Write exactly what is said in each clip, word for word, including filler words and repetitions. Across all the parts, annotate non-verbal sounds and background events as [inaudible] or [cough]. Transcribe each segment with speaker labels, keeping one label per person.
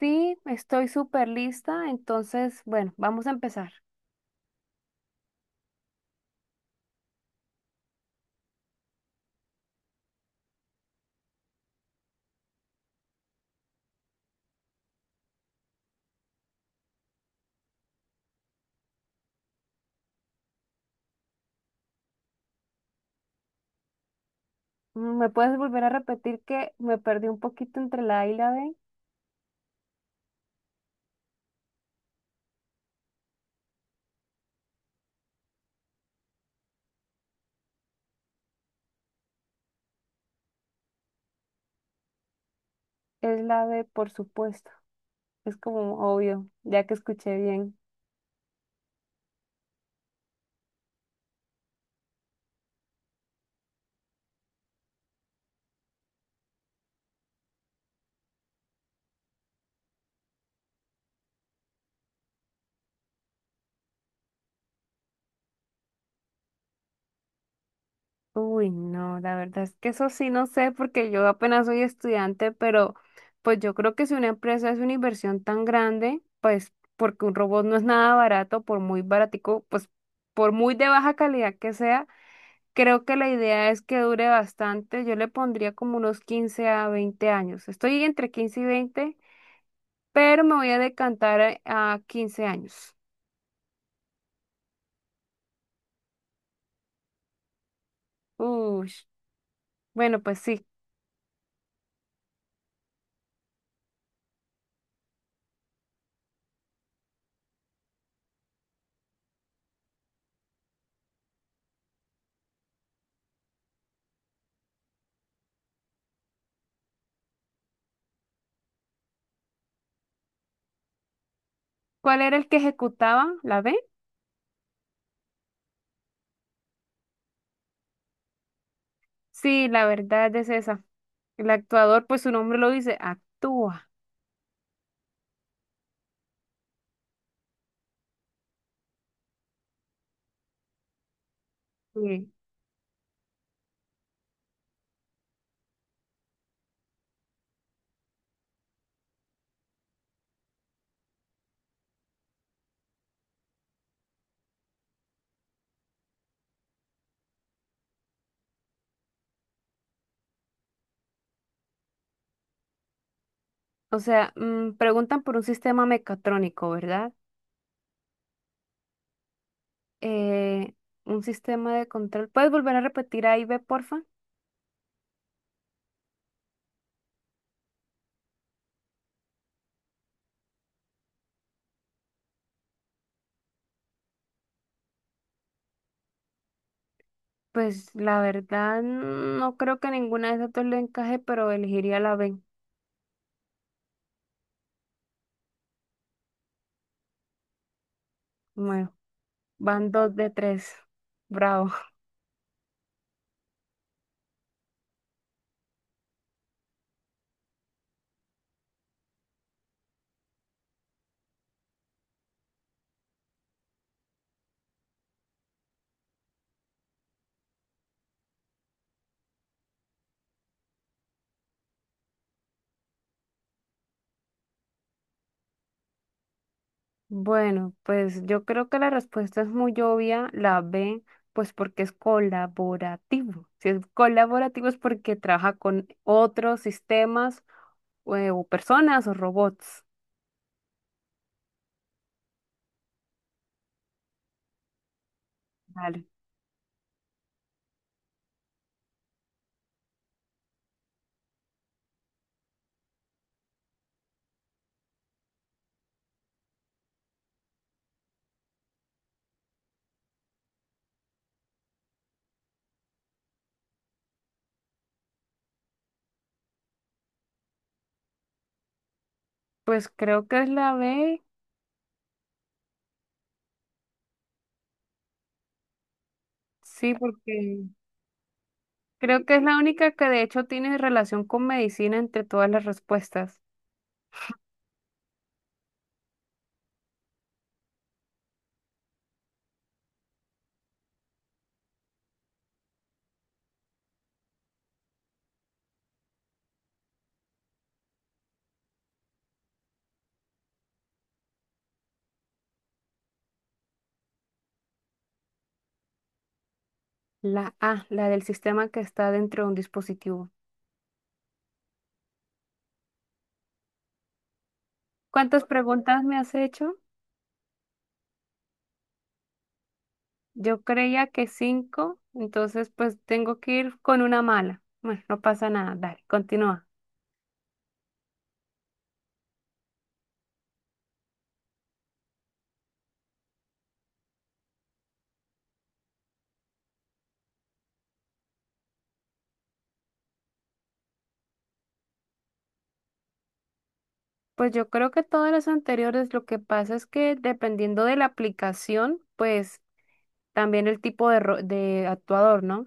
Speaker 1: Sí, estoy súper lista, entonces, bueno, vamos a empezar. Mm, ¿Me puedes volver a repetir que me perdí un poquito entre la A y la B? Es la B, por supuesto. Es como obvio, ya que escuché bien. Uy, no, la verdad es que eso sí no sé porque yo apenas soy estudiante, pero pues yo creo que si una empresa es una inversión tan grande, pues porque un robot no es nada barato, por muy baratico, pues por muy de baja calidad que sea. Creo que la idea es que dure bastante. Yo le pondría como unos quince a veinte años. Estoy entre quince y veinte, pero me voy a decantar a a quince años. Uy, bueno, pues sí. ¿Cuál era el que ejecutaba? ¿La B? Sí, la verdad es esa. El actuador, pues su nombre lo dice, actúa. Sí. O sea, mm, preguntan por un sistema mecatrónico, ¿verdad? Eh, un sistema de control. ¿Puedes volver a repetir ahí, B, porfa? Pues la verdad, no creo que ninguna de esas dos le encaje, pero elegiría la B. Bueno, van dos de tres. Bravo. [laughs] Bueno, pues yo creo que la respuesta es muy obvia, la B, pues porque es colaborativo. Si es colaborativo es porque trabaja con otros sistemas o, o personas o robots. Vale. Pues creo que es la B, sí, porque creo que es la única que de hecho tiene relación con medicina entre todas las respuestas. La A, la del sistema que está dentro de un dispositivo. ¿Cuántas preguntas me has hecho? Yo creía que cinco, entonces pues tengo que ir con una mala. Bueno, no pasa nada, dale, continúa. Pues yo creo que todas las anteriores, lo que pasa es que dependiendo de la aplicación, pues también el tipo de, ro- de actuador, ¿no?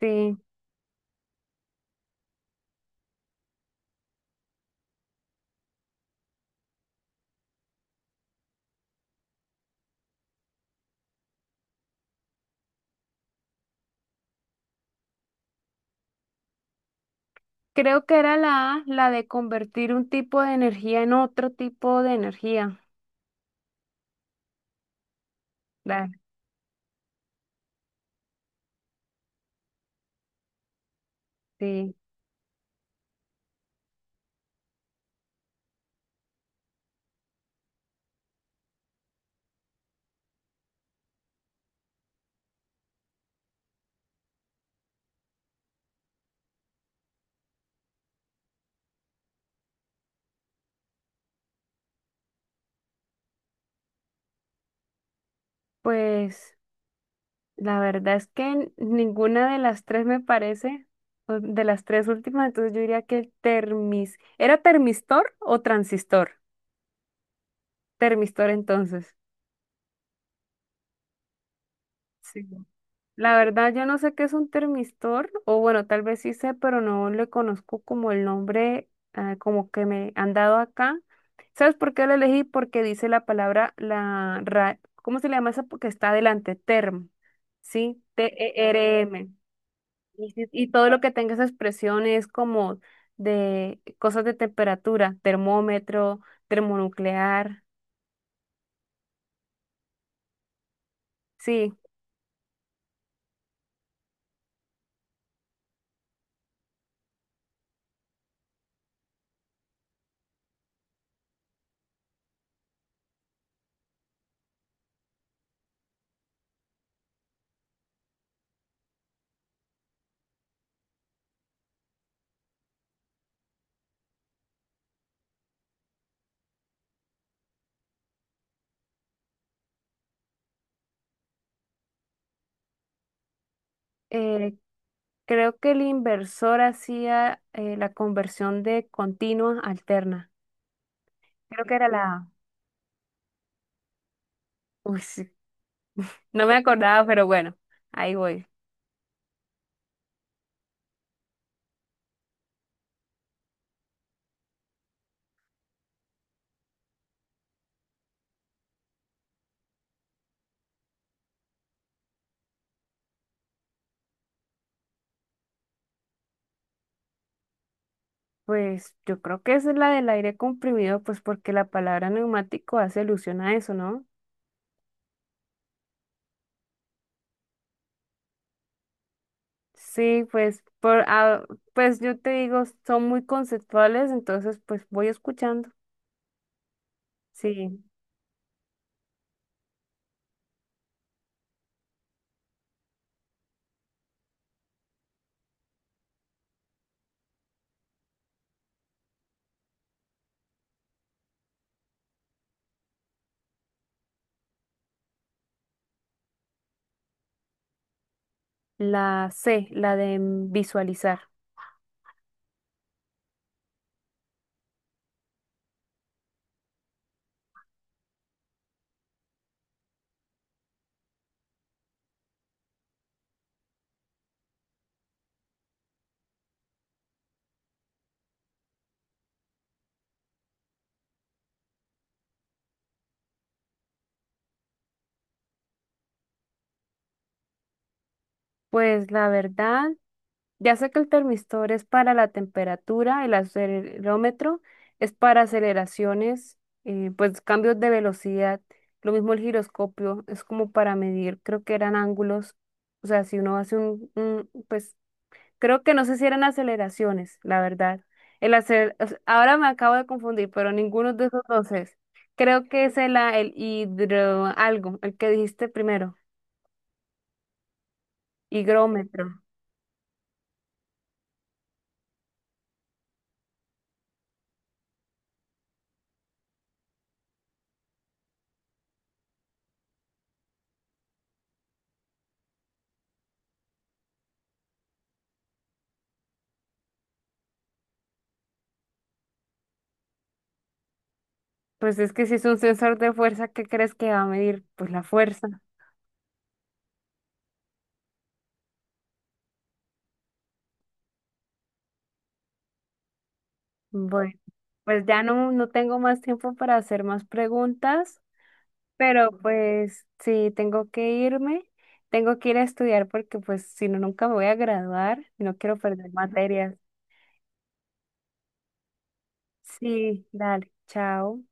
Speaker 1: Sí, creo que era la A, la de convertir un tipo de energía en otro tipo de energía. Dale, sí. Pues la verdad es que ninguna de las tres me parece, o de las tres últimas, entonces yo diría que el termis, ¿era termistor o transistor? Termistor entonces. Sí. La verdad yo no sé qué es un termistor, o bueno, tal vez sí sé, pero no le conozco como el nombre ah, como que me han dado acá. ¿Sabes por qué lo elegí? Porque dice la palabra, la ra- ¿cómo se le llama esa? Porque está adelante, term, ¿sí? T-E-R-M. Y, si- y todo lo que tenga esas presiones como de cosas de temperatura, termómetro, termonuclear. Sí, eh, creo que el inversor hacía eh, la conversión de continua a alterna. Creo que era la... [laughs] Uy, sí, no me acordaba, pero bueno, ahí voy. Pues yo creo que esa es la del aire comprimido, pues porque la palabra neumático hace alusión a eso, ¿no? Sí, pues, por, ah, pues yo te digo, son muy conceptuales, entonces pues voy escuchando. Sí, la C, la de mm, visualizar. Pues la verdad, ya sé que el termistor es para la temperatura, el acelerómetro es para aceleraciones, eh, pues cambios de velocidad. Lo mismo el giroscopio, es como para medir, creo que eran ángulos. O sea, si uno hace un, un, pues creo que no sé si eran aceleraciones, la verdad. El acel- o sea, ahora me acabo de confundir, pero ninguno de esos dos es. Creo que es el, a- el hidro algo, el que dijiste primero, higrómetro. Pues es que si es un sensor de fuerza, ¿qué crees que va a medir? Pues la fuerza. Bueno, pues ya no, no tengo más tiempo para hacer más preguntas, pero pues sí, tengo que irme, tengo que ir a estudiar porque pues si no, nunca me voy a graduar y no quiero perder materias. Sí, dale, chao.